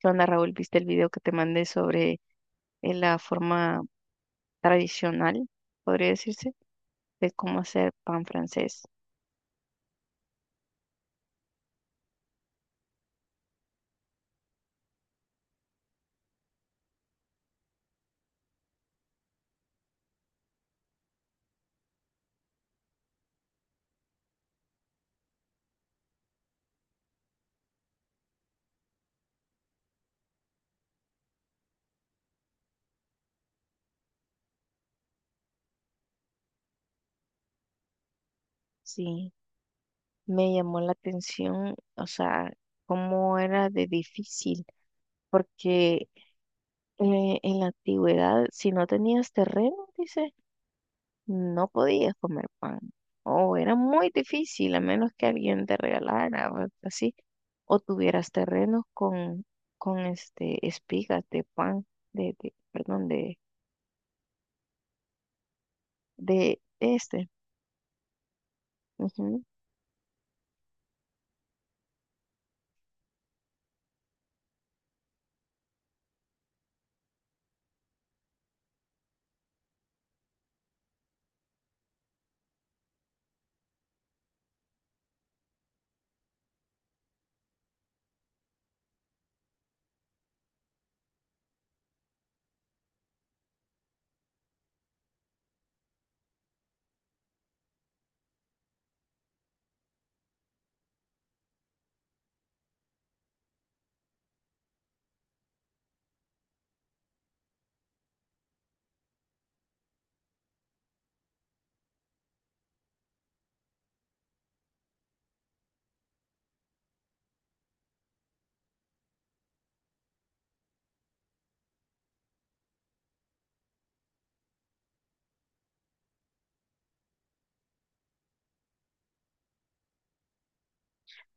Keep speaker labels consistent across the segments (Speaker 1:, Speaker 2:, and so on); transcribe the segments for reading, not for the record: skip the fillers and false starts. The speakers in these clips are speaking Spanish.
Speaker 1: ¿Qué onda, Raúl? ¿Viste el video que te mandé sobre la forma tradicional, podría decirse, de cómo hacer pan francés? Sí, me llamó la atención, o sea, cómo era de difícil, porque en la antigüedad, si no tenías terreno, dice, no podías comer pan, o era muy difícil, a menos que alguien te regalara, o así, o tuvieras terrenos con, este, espigas de pan, de, perdón, de este. Ujú.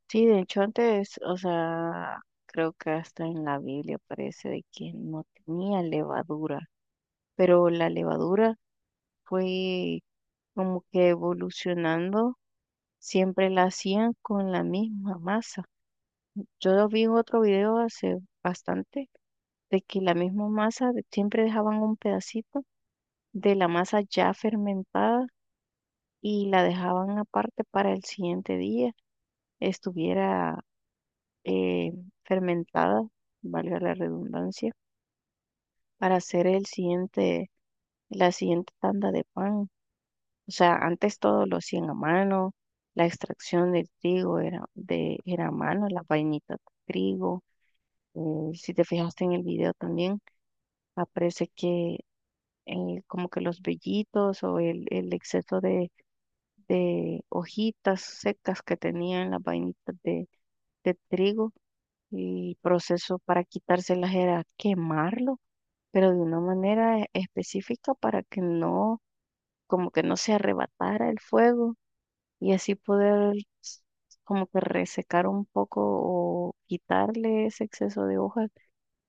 Speaker 1: Sí, de hecho antes, o sea, creo que hasta en la Biblia parece de que no tenía levadura, pero la levadura fue como que evolucionando, siempre la hacían con la misma masa. Yo lo vi en otro video hace bastante de que la misma masa de- siempre dejaban un pedacito de la masa ya fermentada y la dejaban aparte para el siguiente día estuviera eh, fermentada, valga la redundancia, para hacer el siguiente, la siguiente tanda de pan. O sea, antes todo lo hacían a mano, la extracción del trigo era, era a mano, la vainita de trigo. Si te fijaste en el video también, aparece que como que los vellitos o el exceso de hojitas secas que tenían las vainitas de trigo, y proceso para quitárselas era quemarlo pero de una manera específica para que no, como que no se arrebatara el fuego y así poder s- como que resecar un poco o quitarle ese exceso de hojas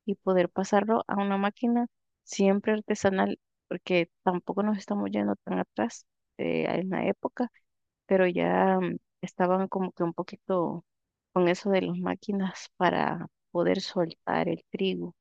Speaker 1: y poder pasarlo a una máquina siempre artesanal, porque tampoco nos estamos yendo tan atrás en la época, pero ya estaban como que un poquito con eso de las máquinas para poder soltar el trigo.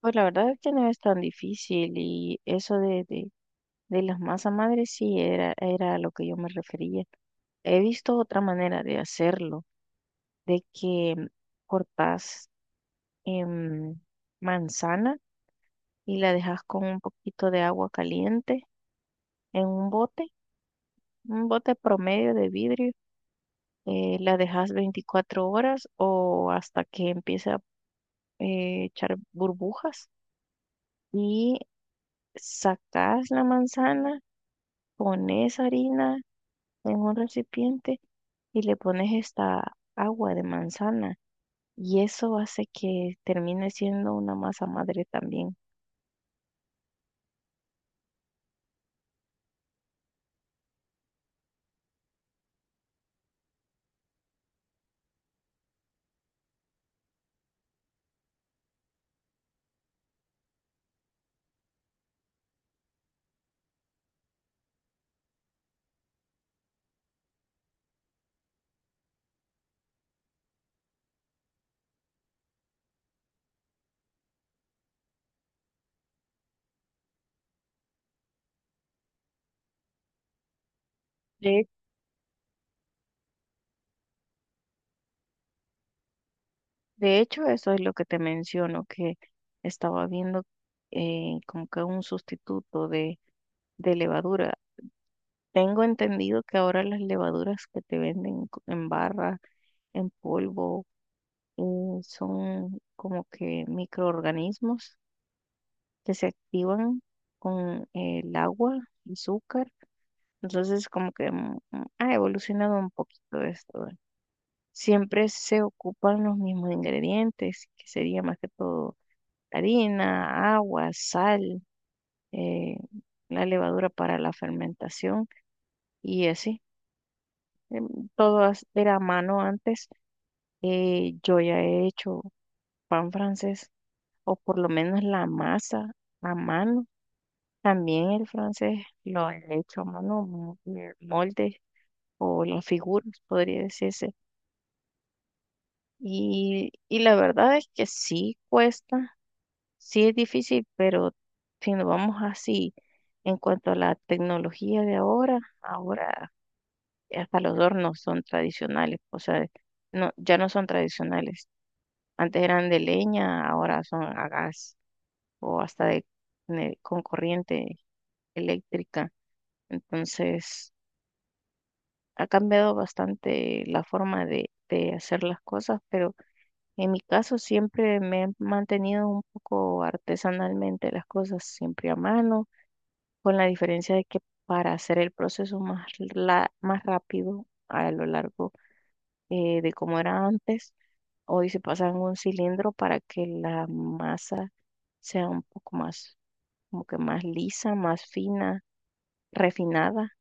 Speaker 1: Pues la verdad es que no es tan difícil y eso de, de las masas madres sí era, era a lo que yo me refería. He visto otra manera de hacerlo, de que cortas em, manzana y la dejas con un poquito de agua caliente en un bote promedio de vidrio. Eh, la dejas 24 horas o hasta que empiece a echar burbujas y sacas la manzana, pones harina en un recipiente y le pones esta agua de manzana y eso hace que termine siendo una masa madre también. De, de hecho, eso es lo que te menciono, que estaba viendo como que un sustituto de levadura. Tengo entendido que ahora las levaduras que te venden co- en barra, en polvo, eh, son como que microorganismos que se activan con el agua, azúcar. Entonces, como que ha evolucionado un poquito esto, ¿eh? Siempre se ocupan los mismos ingredientes, que sería más que todo harina, agua, sal, eh, la levadura para la fermentación y así. Em, Todo era a mano antes. Yo ya he hecho pan francés, o por lo menos la masa a mano. También el francés lo he hecho a mano, moldes o las figuras, podría decirse. Y la verdad es que sí cuesta, sí es difícil, pero si nos vamos así, en cuanto a la tecnología de ahora, ahora hasta los hornos son tradicionales, o sea, no, ya no son tradicionales. Antes eran de leña, ahora son a gas o hasta de, con corriente eléctrica. Entonces, ha cambiado bastante la forma de hacer las cosas, pero en mi caso siempre me he mantenido un poco artesanalmente las cosas, siempre a mano, con la diferencia de que para hacer el proceso más, más rápido a lo largo de como era antes, hoy se pasa en un cilindro para que la masa sea un poco más, como que más lisa, más fina, refinada.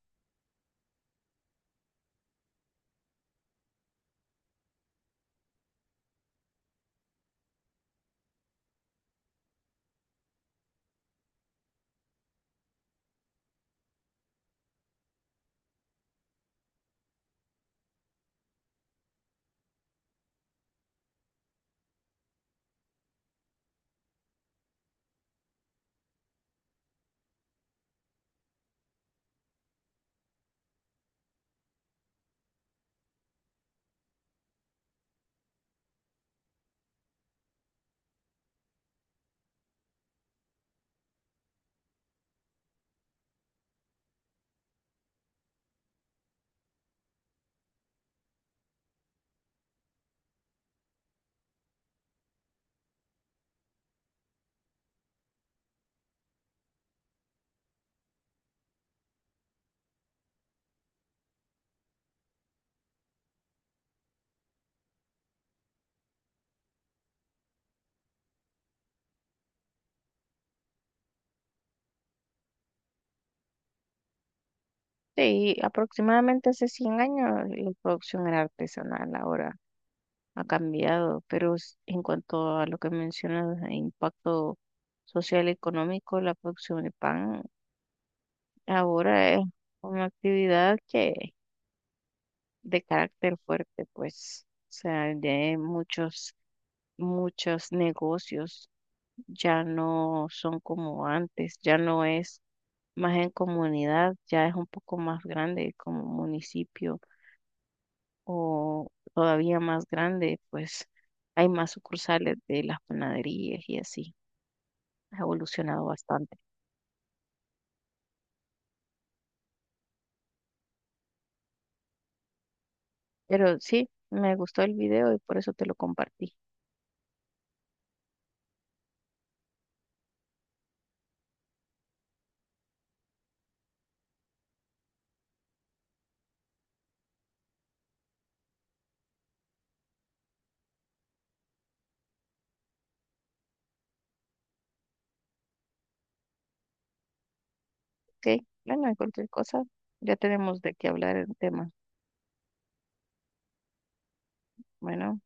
Speaker 1: Sí, aproximadamente hace 100 años la producción era artesanal, ahora ha cambiado, pero en cuanto a lo que mencionas, de impacto social y económico, la producción de pan ahora es una actividad que de carácter fuerte, pues, o sea, de muchos, muchos negocios ya no son como antes, ya no es más en comunidad, ya es un poco más grande como municipio o todavía más grande, pues hay más sucursales de las panaderías y así. Ha evolucionado bastante. Pero sí, me gustó el video y por eso te lo compartí. Ok, bueno, cualquier cosa, ya tenemos de qué hablar el tema. Bueno.